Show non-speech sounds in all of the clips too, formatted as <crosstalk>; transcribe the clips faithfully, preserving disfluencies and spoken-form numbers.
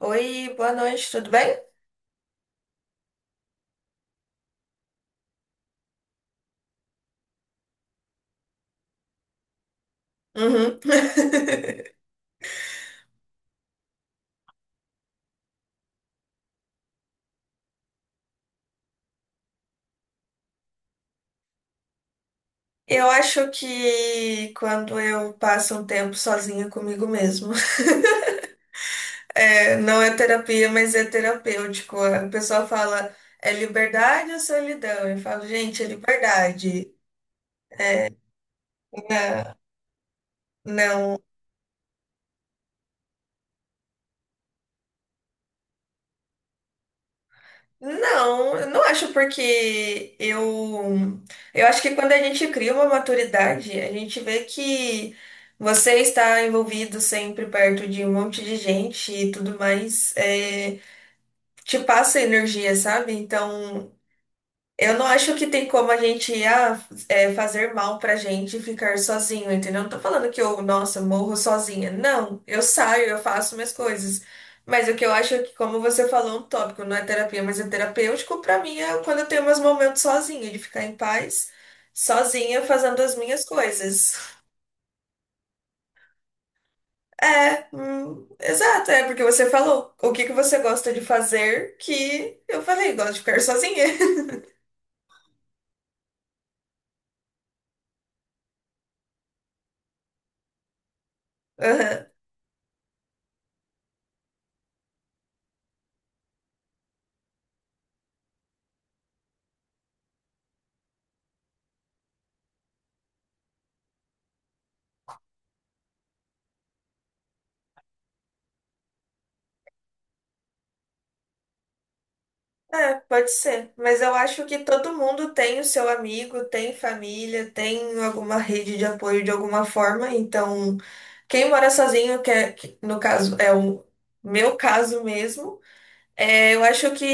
Oi, boa noite, tudo bem? Uhum. <laughs> Eu acho que quando eu passo um tempo sozinha comigo mesmo, <laughs> é, não é terapia, mas é terapêutico. O pessoal fala, é liberdade ou solidão? Eu falo, gente, é liberdade. Não, não. Não, eu não acho porque eu eu acho que quando a gente cria uma maturidade, a gente vê que você está envolvido sempre perto de um monte de gente e tudo mais, é, te passa energia, sabe? Então, eu não acho que tem como a gente ah, é, fazer mal pra gente ficar sozinho, entendeu? Não tô falando que eu, nossa, morro sozinha. Não, eu saio, eu faço minhas coisas. Mas o que eu acho é que, como você falou, é um tópico, não é terapia, mas é terapêutico, pra mim é quando eu tenho meus momentos sozinha, de ficar em paz, sozinha, fazendo as minhas coisas. É, hum, exato, é porque você falou o que que você gosta de fazer que eu falei, gosto de ficar sozinha. <laughs> Aham. É, pode ser. Mas eu acho que todo mundo tem o seu amigo, tem família, tem alguma rede de apoio de alguma forma. Então, quem mora sozinho, que, é, que no caso é o meu caso mesmo, é, eu acho que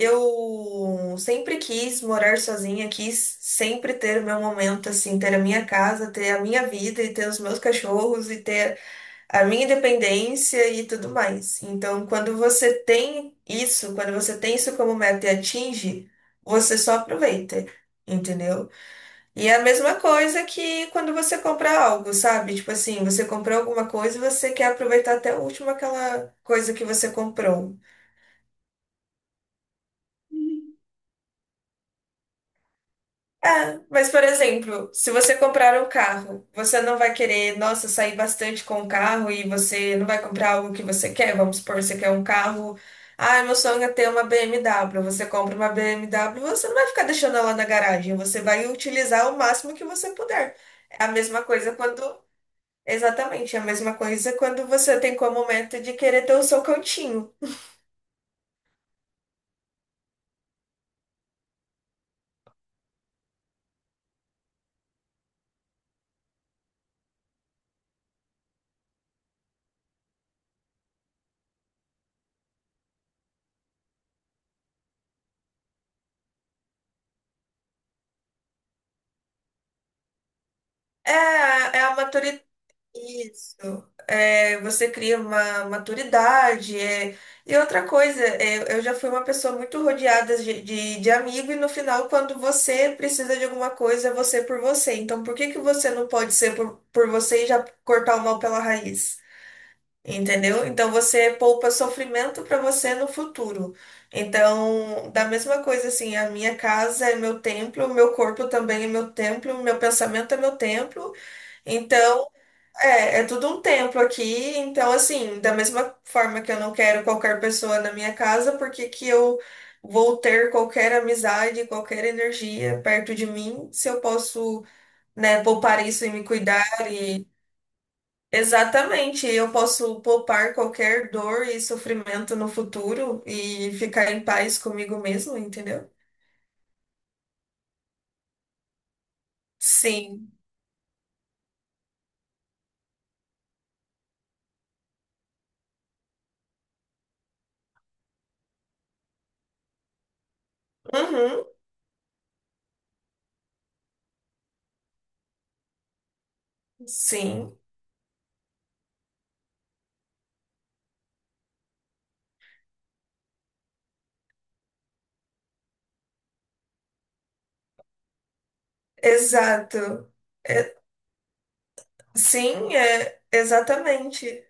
eu sempre quis morar sozinha, quis sempre ter o meu momento, assim, ter a minha casa, ter a minha vida e ter os meus cachorros e ter a minha independência e tudo mais. Então, quando você tem isso, quando você tem isso como meta e atinge, você só aproveita, entendeu? E é a mesma coisa que quando você compra algo, sabe? Tipo assim, você comprou alguma coisa e você quer aproveitar até o último aquela coisa que você comprou. É, mas por exemplo, se você comprar um carro, você não vai querer, nossa, sair bastante com o carro e você não vai comprar algo que você quer. Vamos supor, você quer um carro. Ah, meu sonho é ter uma B M W. Você compra uma B M W, você não vai ficar deixando ela na garagem, você vai utilizar o máximo que você puder. É a mesma coisa quando. Exatamente, é a mesma coisa quando você tem como meta de querer ter o seu cantinho. É, é a maturidade. Isso. É, você cria uma maturidade. É. E outra coisa, é, eu já fui uma pessoa muito rodeada de, de, de amigo, e no final, quando você precisa de alguma coisa, é você por você. Então, por que que você não pode ser por, por você e já cortar o mal pela raiz? Entendeu? Então, você poupa sofrimento para você no futuro. Então, da mesma coisa, assim, a minha casa é meu templo, meu corpo também é meu templo, meu pensamento é meu templo. Então, é, é tudo um templo aqui, então assim, da mesma forma que eu não quero qualquer pessoa na minha casa, porque que que eu vou ter qualquer amizade, qualquer energia perto de mim, se eu posso, né, poupar isso e me cuidar e exatamente, eu posso poupar qualquer dor e sofrimento no futuro e ficar em paz comigo mesmo, entendeu? Sim. Uhum. Sim, exato. É- sim, é exatamente.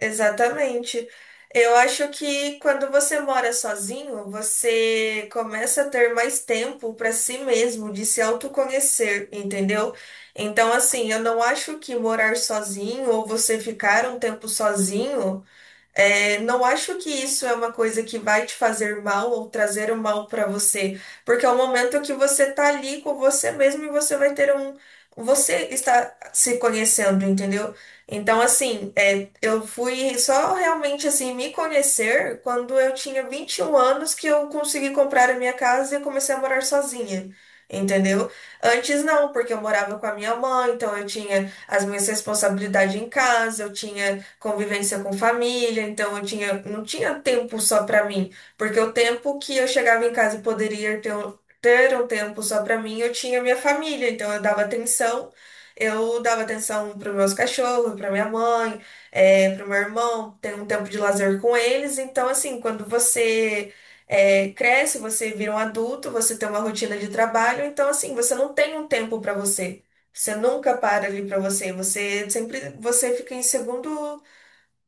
Exatamente. Eu acho que quando você mora sozinho, você começa a ter mais tempo para si mesmo, de se autoconhecer, entendeu? Então, assim, eu não acho que morar sozinho ou você ficar um tempo sozinho. É, não acho que isso é uma coisa que vai te fazer mal ou trazer o mal para você, porque é o momento que você tá ali com você mesmo e você vai ter um. Você está se conhecendo, entendeu? Então, assim, é, eu fui só realmente assim me conhecer quando eu tinha vinte e um anos que eu consegui comprar a minha casa e comecei a morar sozinha. Entendeu? Antes não, porque eu morava com a minha mãe, então eu tinha as minhas responsabilidades em casa, eu tinha convivência com família, então eu tinha, não tinha tempo só para mim, porque o tempo que eu chegava em casa e poderia ter, um- ter um tempo só para mim, eu tinha minha família, então eu dava atenção, eu dava atenção para meus cachorros, para minha mãe, é, para meu irmão, ter um tempo de lazer com eles, então assim, quando você é, cresce, você vira um adulto, você tem uma rotina de trabalho, então assim, você não tem um tempo para você. Você nunca para ali para você, você sempre você fica em segundo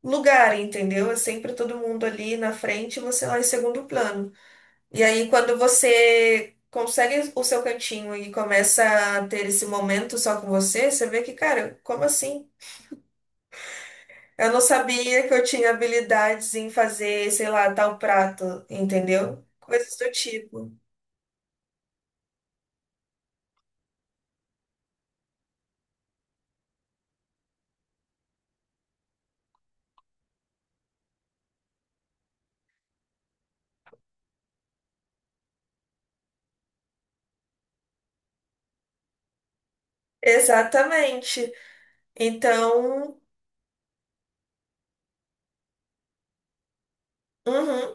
lugar, entendeu? É sempre todo mundo ali na frente e você lá em segundo plano. E aí, quando você consegue o seu cantinho e começa a ter esse momento só com você, você vê que, cara, como assim? Eu não sabia que eu tinha habilidades em fazer, sei lá, tal prato, entendeu? Coisas do tipo. Exatamente. Então, uhum.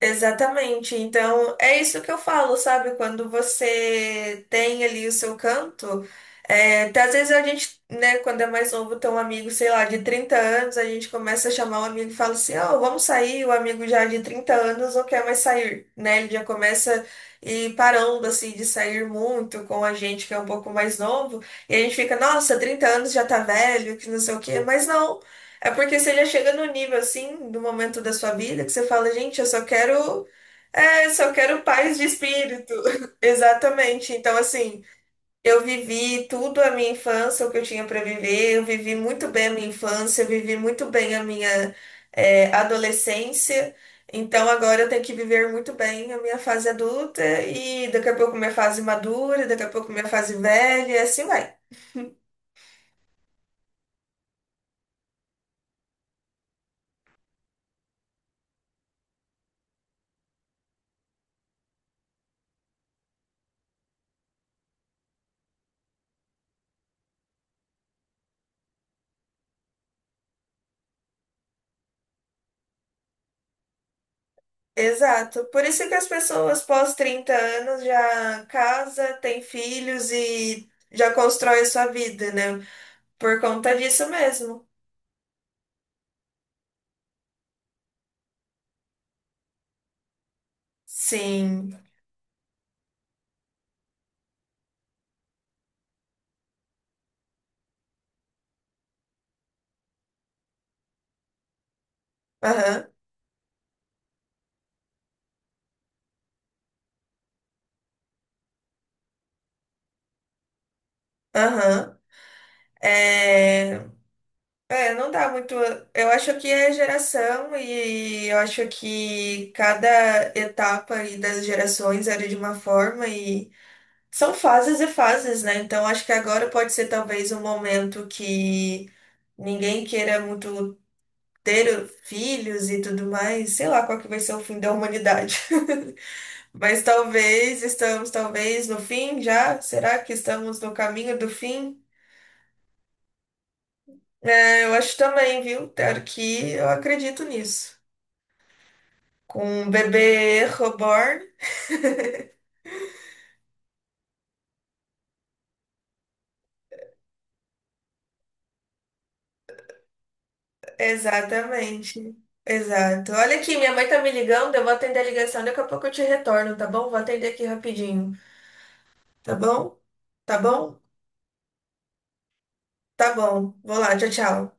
Exatamente. Então, é isso que eu falo, sabe? Quando você tem ali o seu canto, é, até às vezes a gente, né, quando é mais novo, tem um amigo, sei lá, de trinta anos, a gente começa a chamar o amigo e fala assim, ó, vamos sair, o amigo já de trinta anos não quer mais sair, né? Ele já começa e parando, assim, de sair muito com a gente que é um pouco mais novo, e a gente fica, nossa, trinta anos já tá velho, que não sei o quê, mas não. É porque você já chega no nível assim, do momento da sua vida, que você fala, gente, eu só quero, é, só quero paz de espírito. <laughs> Exatamente. Então, assim, eu vivi tudo a minha infância, o que eu tinha para viver, eu vivi muito bem a minha infância, eu vivi muito bem a minha, é, adolescência. Então, agora eu tenho que viver muito bem a minha fase adulta e daqui a pouco minha fase madura, daqui a pouco minha fase velha, e assim vai. Exato. Por isso que as pessoas pós trinta anos já casa, tem filhos e já constrói a sua vida, né? Por conta disso mesmo. Sim. Aham. Aham. É... É, não dá muito. Eu acho que é geração e eu acho que cada etapa aí das gerações era de uma forma e são fases e fases, né? Então acho que agora pode ser talvez um momento que ninguém queira muito ter filhos e tudo mais, sei lá qual que vai ser o fim da humanidade. <laughs> Mas talvez estamos, talvez no fim já. Será que estamos no caminho do fim? É, eu acho também, viu? Claro que eu acredito nisso. Com um bebê reborn, exatamente. Exato. Olha aqui, minha mãe tá me ligando, eu vou atender a ligação, daqui a pouco eu te retorno, tá bom? Vou atender aqui rapidinho, tá bom? Tá bom? Tá bom. Vou lá, tchau, tchau.